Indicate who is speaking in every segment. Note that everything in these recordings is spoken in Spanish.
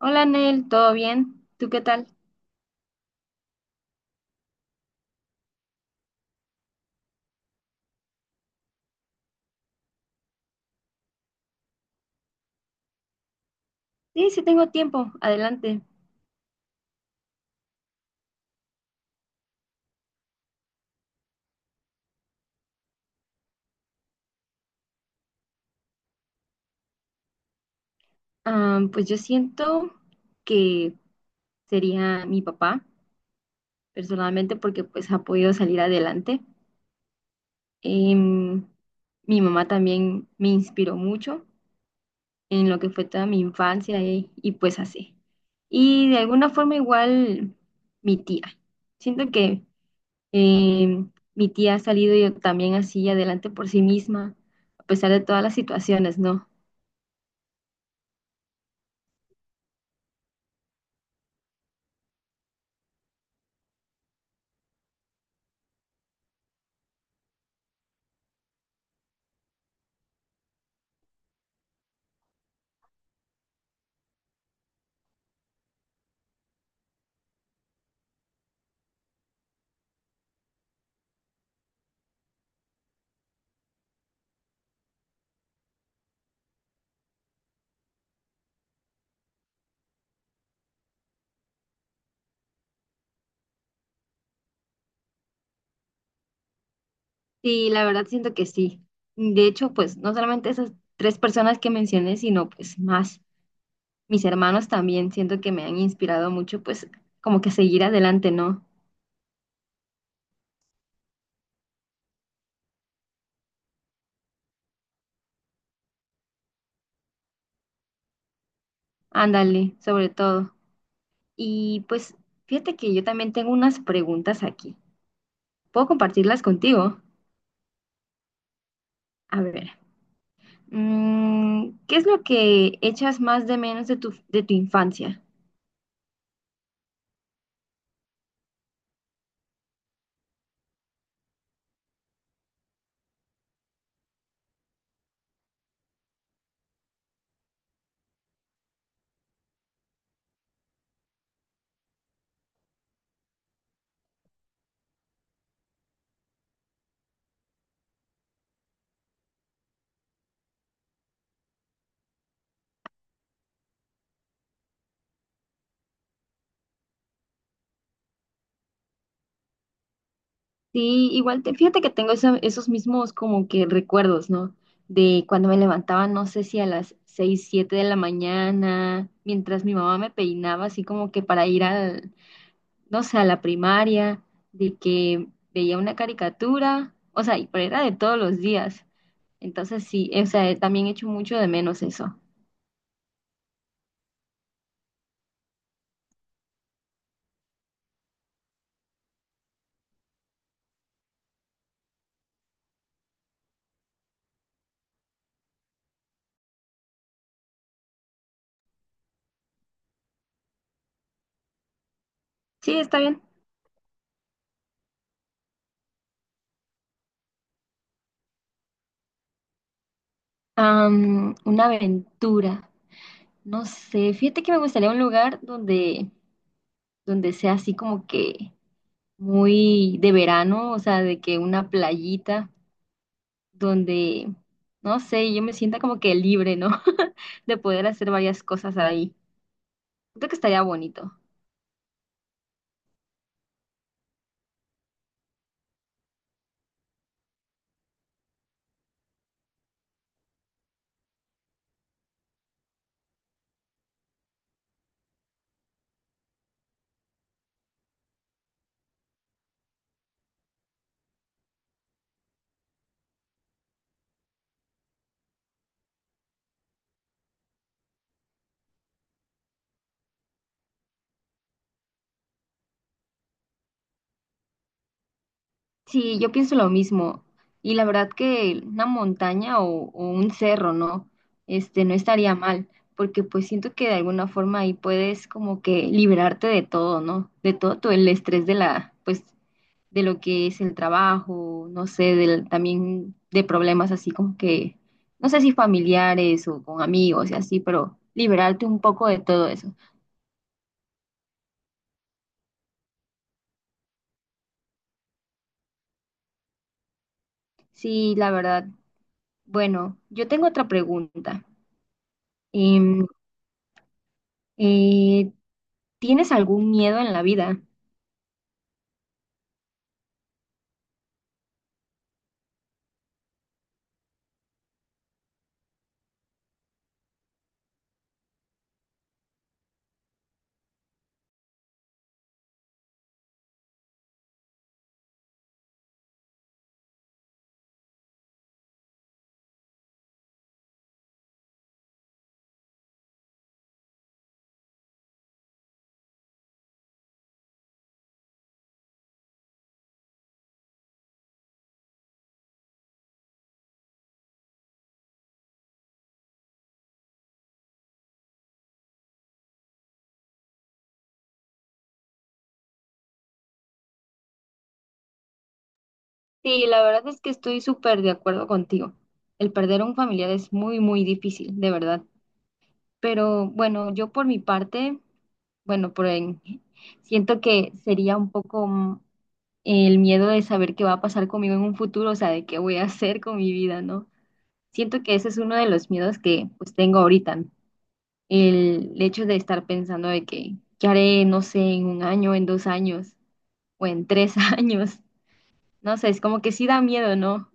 Speaker 1: Hola Nel, ¿todo bien? ¿Tú qué tal? Sí, sí tengo tiempo, adelante. Ah, pues yo siento que sería mi papá, personalmente, porque pues ha podido salir adelante. Em, Mi mamá también me inspiró mucho en lo que fue toda mi infancia y pues así. Y de alguna forma igual mi tía. Siento que mi tía ha salido yo también así adelante por sí misma, a pesar de todas las situaciones, ¿no? Sí, la verdad siento que sí. De hecho, pues no solamente esas tres personas que mencioné, sino pues más. Mis hermanos también siento que me han inspirado mucho, pues como que a seguir adelante, ¿no? Ándale, sobre todo. Y pues fíjate que yo también tengo unas preguntas aquí. ¿Puedo compartirlas contigo? A ver, ¿qué es lo que echas más de menos de tu infancia? Sí, igual fíjate que tengo esos mismos como que recuerdos, ¿no? De cuando me levantaba, no sé si a las 6 7 de la mañana, mientras mi mamá me peinaba, así como que para ir al, no sé, a la primaria, de que veía una caricatura, o sea, y pero era de todos los días. Entonces sí, o sea, también echo mucho de menos eso. Sí, está bien. Una aventura, no sé, fíjate que me gustaría un lugar donde sea así como que muy de verano, o sea, de que una playita donde, no sé, yo me sienta como que libre, ¿no? De poder hacer varias cosas ahí. Creo que estaría bonito. Sí, yo pienso lo mismo. Y la verdad que una montaña o un cerro, ¿no? Este, no estaría mal, porque pues siento que de alguna forma ahí puedes como que liberarte de todo, ¿no? De todo, todo el estrés de la, pues, de lo que es el trabajo, no sé, del, también de problemas así como que, no sé si familiares o con amigos y así, pero liberarte un poco de todo eso. Sí, la verdad. Bueno, yo tengo otra pregunta. Em, eh, ¿Tienes algún miedo en la vida? Sí, la verdad es que estoy súper de acuerdo contigo. El perder a un familiar es muy, muy difícil, de verdad. Pero bueno, yo por mi parte, bueno, siento que sería un poco el miedo de saber qué va a pasar conmigo en un futuro, o sea, de qué voy a hacer con mi vida, ¿no? Siento que ese es uno de los miedos que pues tengo ahorita, ¿no? El hecho de estar pensando de que, ¿qué haré, no sé, en un año, en 2 años o en tres años? No sé, es como que sí da miedo, ¿no?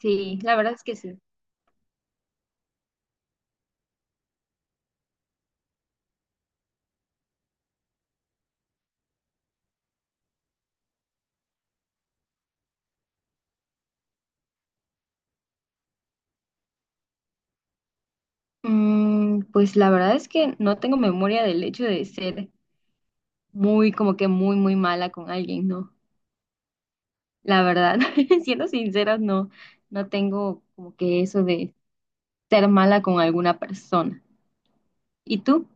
Speaker 1: Sí, la verdad es que sí. Pues la verdad es que no tengo memoria del hecho de ser muy, como que muy, muy mala con alguien, ¿no? La verdad, siendo sinceras, no, no tengo como que eso de ser mala con alguna persona. ¿Y tú?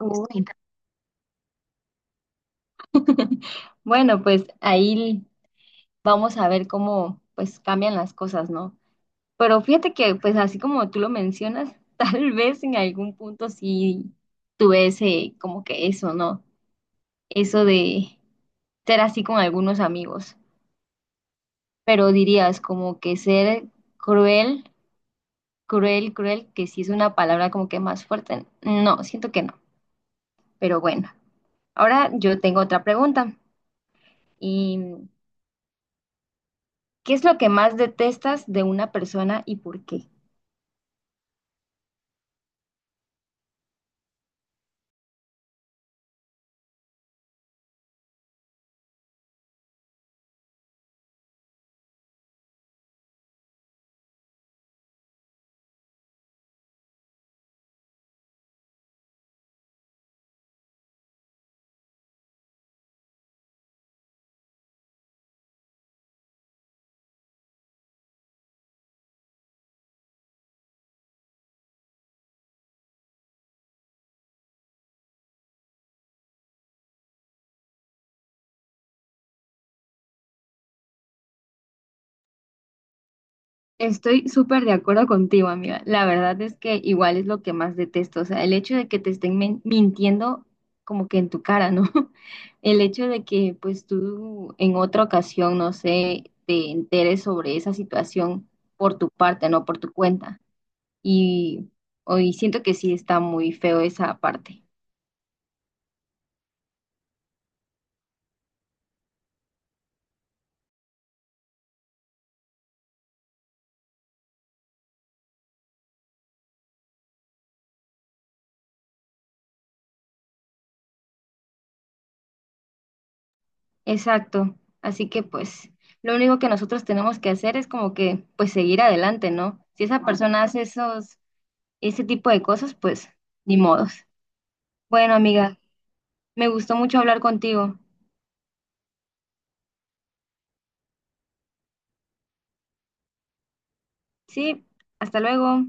Speaker 1: Uy, bueno, pues ahí vamos a ver cómo pues cambian las cosas, ¿no? Pero fíjate que pues así como tú lo mencionas, tal vez en algún punto sí tuve ese como que eso, ¿no? Eso de ser así con algunos amigos, pero dirías como que ser cruel, cruel, cruel, que sí es una palabra como que más fuerte. No, siento que no, pero bueno. Ahora yo tengo otra pregunta y ¿qué es lo que más detestas de una persona y por qué? Estoy súper de acuerdo contigo, amiga. La verdad es que igual es lo que más detesto. O sea, el hecho de que te estén mintiendo como que en tu cara, ¿no? El hecho de que pues tú en otra ocasión, no sé, te enteres sobre esa situación por tu parte, no por tu cuenta. Y hoy siento que sí está muy feo esa parte. Exacto. Así que pues lo único que nosotros tenemos que hacer es como que pues seguir adelante, ¿no? Si esa persona hace esos, ese tipo de cosas, pues ni modos. Bueno, amiga, me gustó mucho hablar contigo. Sí, hasta luego.